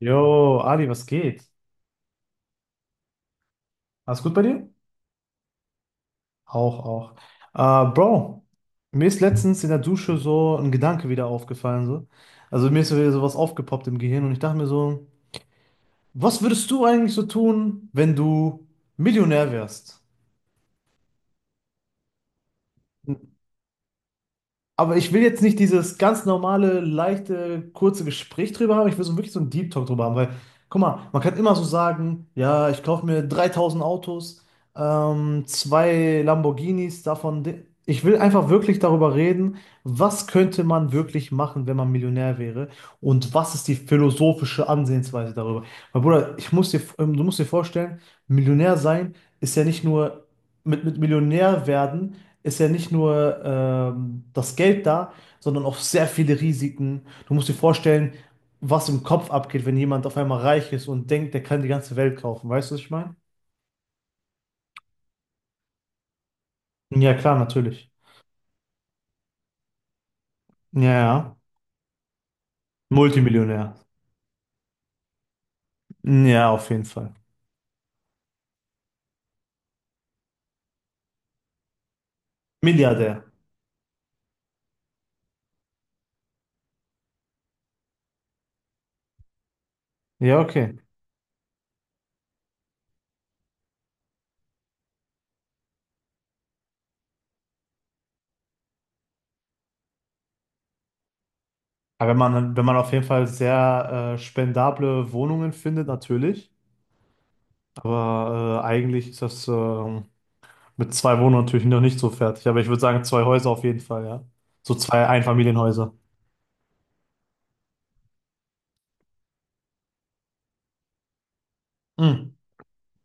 Jo, Ali, was geht? Alles gut bei dir? Auch, auch. Bro, mir ist letztens in der Dusche so ein Gedanke wieder aufgefallen. So. Also mir ist so wieder sowas aufgepoppt im Gehirn und ich dachte mir so, was würdest du eigentlich so tun, wenn du Millionär wärst? Aber ich will jetzt nicht dieses ganz normale, leichte, kurze Gespräch drüber haben. Ich will so wirklich so einen Deep Talk drüber haben, weil, guck mal, man kann immer so sagen, ja, ich kaufe mir 3.000 Autos, zwei Lamborghinis davon. Ich will einfach wirklich darüber reden, was könnte man wirklich machen, wenn man Millionär wäre und was ist die philosophische Ansehensweise darüber. Weil, Bruder, ich muss dir, du musst dir vorstellen, Millionär sein ist ja nicht nur mit Millionär werden ist ja nicht nur das Geld da, sondern auch sehr viele Risiken. Du musst dir vorstellen, was im Kopf abgeht, wenn jemand auf einmal reich ist und denkt, der kann die ganze Welt kaufen. Weißt du, was ich meine? Ja, klar, natürlich. Ja, ja. Multimillionär. Ja, auf jeden Fall. Milliardär. Ja, okay. Aber wenn man, wenn man auf jeden Fall sehr spendable Wohnungen findet, natürlich. Aber eigentlich ist das mit zwei Wohnungen natürlich noch nicht so fertig. Aber ich würde sagen, zwei Häuser auf jeden Fall, ja. So zwei Einfamilienhäuser. Hm.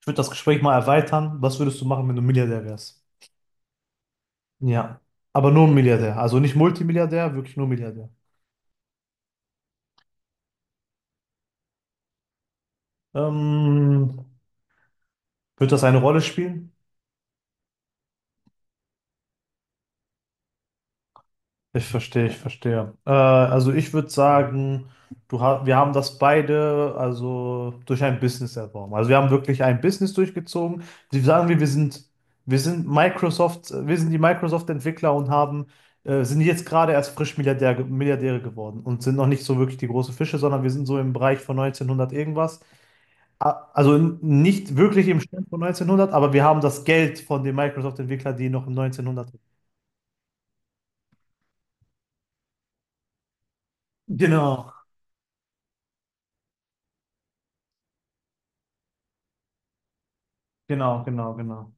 Ich würde das Gespräch mal erweitern. Was würdest du machen, wenn du Milliardär wärst? Ja. Aber nur ein Milliardär. Also nicht Multimilliardär, wirklich nur Milliardär. Ähm, wird das eine Rolle spielen? Ich verstehe, ich verstehe. Also ich würde sagen, du ha wir haben das beide also durch ein Business erworben. Also wir haben wirklich ein Business durchgezogen. Die sagen wir, wir sind Microsoft, wir sind die Microsoft-Entwickler und haben, sind jetzt gerade erst frisch Milliardäre geworden und sind noch nicht so wirklich die großen Fische, sondern wir sind so im Bereich von 1900 irgendwas. Also nicht wirklich im Stand von 1900, aber wir haben das Geld von den Microsoft-Entwicklern, die noch im 1900 sind. Genau, genau, genau, genau.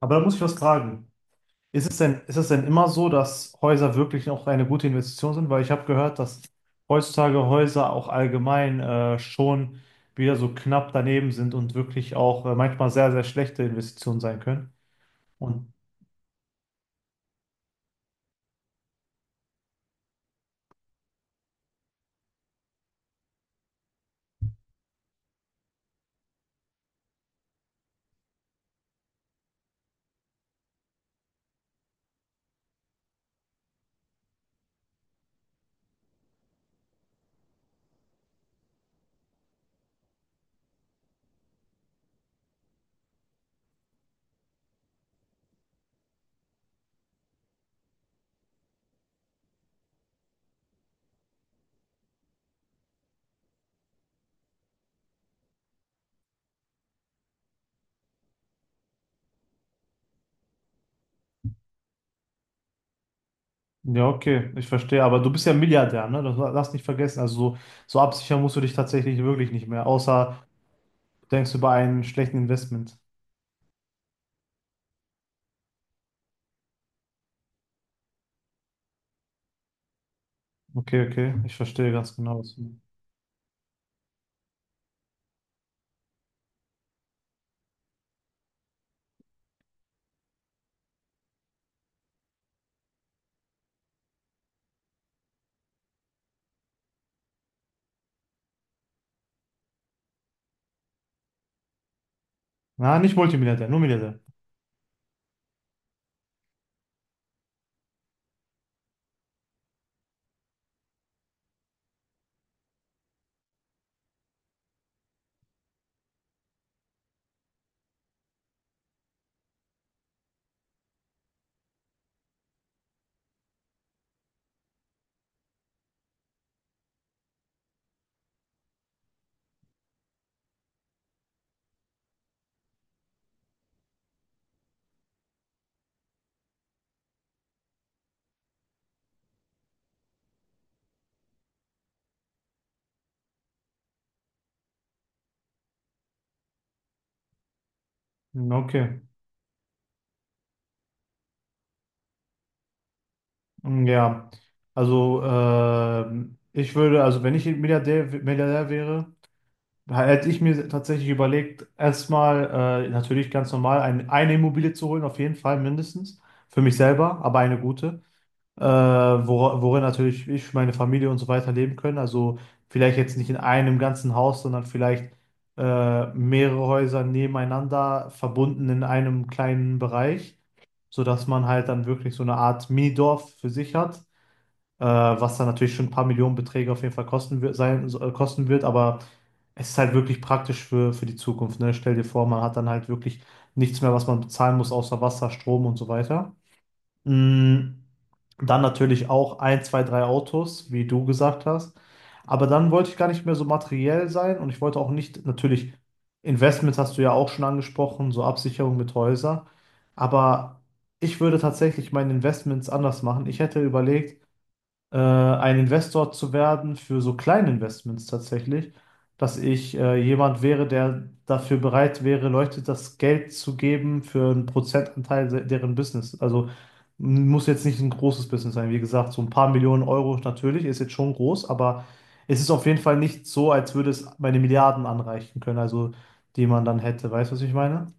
Aber da muss ich was fragen. Ist es denn immer so, dass Häuser wirklich auch eine gute Investition sind? Weil ich habe gehört, dass heutzutage Häuser auch allgemein schon wieder so knapp daneben sind und wirklich auch manchmal sehr, sehr schlechte Investitionen sein können. Und ja, okay, ich verstehe. Aber du bist ja Milliardär, ne? Das lass nicht vergessen. Also so, so absichern musst du dich tatsächlich wirklich nicht mehr, außer du denkst über einen schlechten Investment. Okay, okay, ich verstehe ganz genau. Na, nicht Multimilliardär, nur Milliardär. Hm, okay. Hm, ja, also ich würde, also wenn ich Milliardär wäre, hätte ich mir tatsächlich überlegt, erstmal natürlich ganz normal eine Immobilie zu holen, auf jeden Fall mindestens, für mich selber, aber eine gute, worin natürlich ich, meine Familie und so weiter leben können. Also vielleicht jetzt nicht in einem ganzen Haus, sondern vielleicht mehrere Häuser nebeneinander verbunden in einem kleinen Bereich, sodass man halt dann wirklich so eine Art Minidorf für sich hat, was dann natürlich schon ein paar Millionenbeträge auf jeden Fall kosten wird, sein, kosten wird, aber es ist halt wirklich praktisch für die Zukunft, ne? Stell dir vor, man hat dann halt wirklich nichts mehr, was man bezahlen muss, außer Wasser, Strom und so weiter. Mm, Dann natürlich auch ein, zwei, drei Autos, wie du gesagt hast. Aber dann wollte ich gar nicht mehr so materiell sein und ich wollte auch nicht, natürlich, Investments hast du ja auch schon angesprochen, so Absicherung mit Häusern. Aber ich würde tatsächlich meine Investments anders machen. Ich hätte überlegt, ein Investor zu werden für so kleine Investments tatsächlich, dass ich jemand wäre, der dafür bereit wäre, Leute das Geld zu geben für einen Prozentanteil deren Business. Also muss jetzt nicht ein großes Business sein. Wie gesagt, so ein paar Millionen Euro natürlich ist jetzt schon groß, aber es ist auf jeden Fall nicht so, als würde es meine Milliarden anreichen können, also die man dann hätte. Weißt du, was ich meine?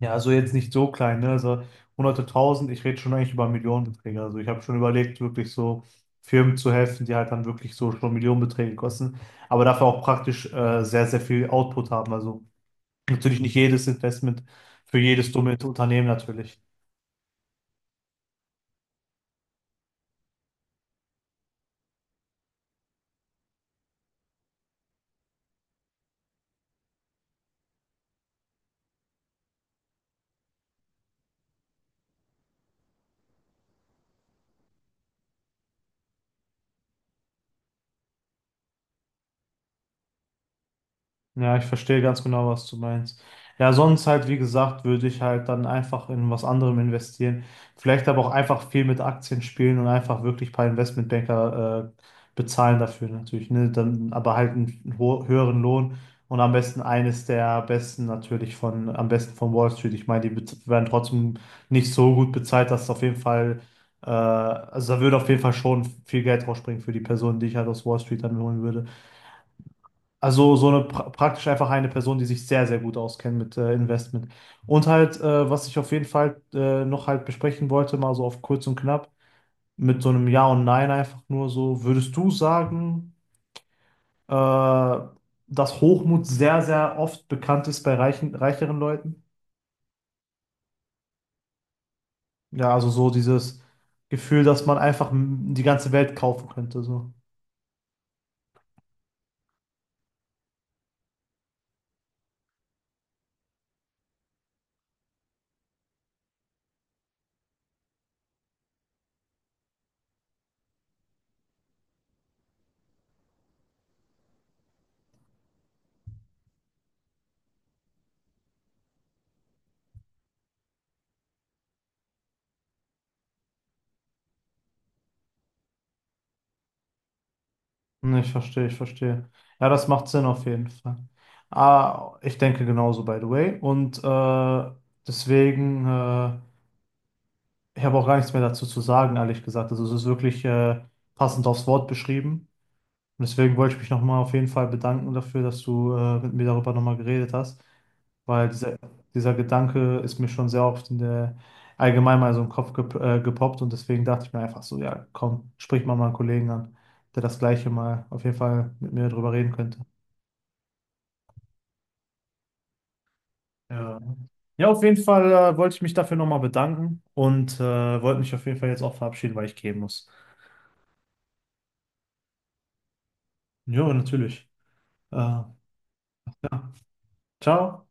Ja, also jetzt nicht so klein, ne? Also hunderte tausend, ich rede schon eigentlich über Millionenbeträge. Also ich habe schon überlegt, wirklich so Firmen zu helfen, die halt dann wirklich so schon Millionenbeträge kosten, aber dafür auch praktisch sehr, sehr viel Output haben. Also natürlich nicht jedes Investment für jedes dumme Unternehmen natürlich. Ja, ich verstehe ganz genau, was du meinst. Ja, sonst halt, wie gesagt, würde ich halt dann einfach in was anderem investieren. Vielleicht aber auch einfach viel mit Aktien spielen und einfach wirklich ein paar Investmentbanker bezahlen dafür natürlich. Ne? Dann aber halt einen ho höheren Lohn und am besten eines der besten natürlich von, am besten von Wall Street. Ich meine, die werden trotzdem nicht so gut bezahlt, dass es auf jeden Fall, also da würde auf jeden Fall schon viel Geld rausspringen für die Person, die ich halt aus Wall Street dann holen würde. Also so eine praktisch einfach eine Person, die sich sehr, sehr gut auskennt mit Investment. Und halt, was ich auf jeden Fall noch halt besprechen wollte, mal so auf kurz und knapp, mit so einem Ja und Nein einfach nur so, würdest du sagen, äh, dass Hochmut sehr, sehr oft bekannt ist bei reichen, reicheren Leuten? Ja, also so dieses Gefühl, dass man einfach die ganze Welt kaufen könnte, so. Ich verstehe, ich verstehe. Ja, das macht Sinn auf jeden Fall. Ah, ich denke genauso, by the way. Und deswegen, ich habe auch gar nichts mehr dazu zu sagen, ehrlich gesagt. Also es ist wirklich passend aufs Wort beschrieben. Und deswegen wollte ich mich nochmal auf jeden Fall bedanken dafür, dass du mit mir darüber nochmal geredet hast, weil dieser Gedanke ist mir schon sehr oft in der, allgemein mal so im Kopf gepoppt und deswegen dachte ich mir einfach so, ja, komm, sprich mal meinen Kollegen an, der das Gleiche mal auf jeden Fall mit mir drüber reden könnte. Ja, ja auf jeden Fall wollte ich mich dafür nochmal bedanken und wollte mich auf jeden Fall jetzt auch verabschieden, weil ich gehen muss. Ja, natürlich. Äh, ciao.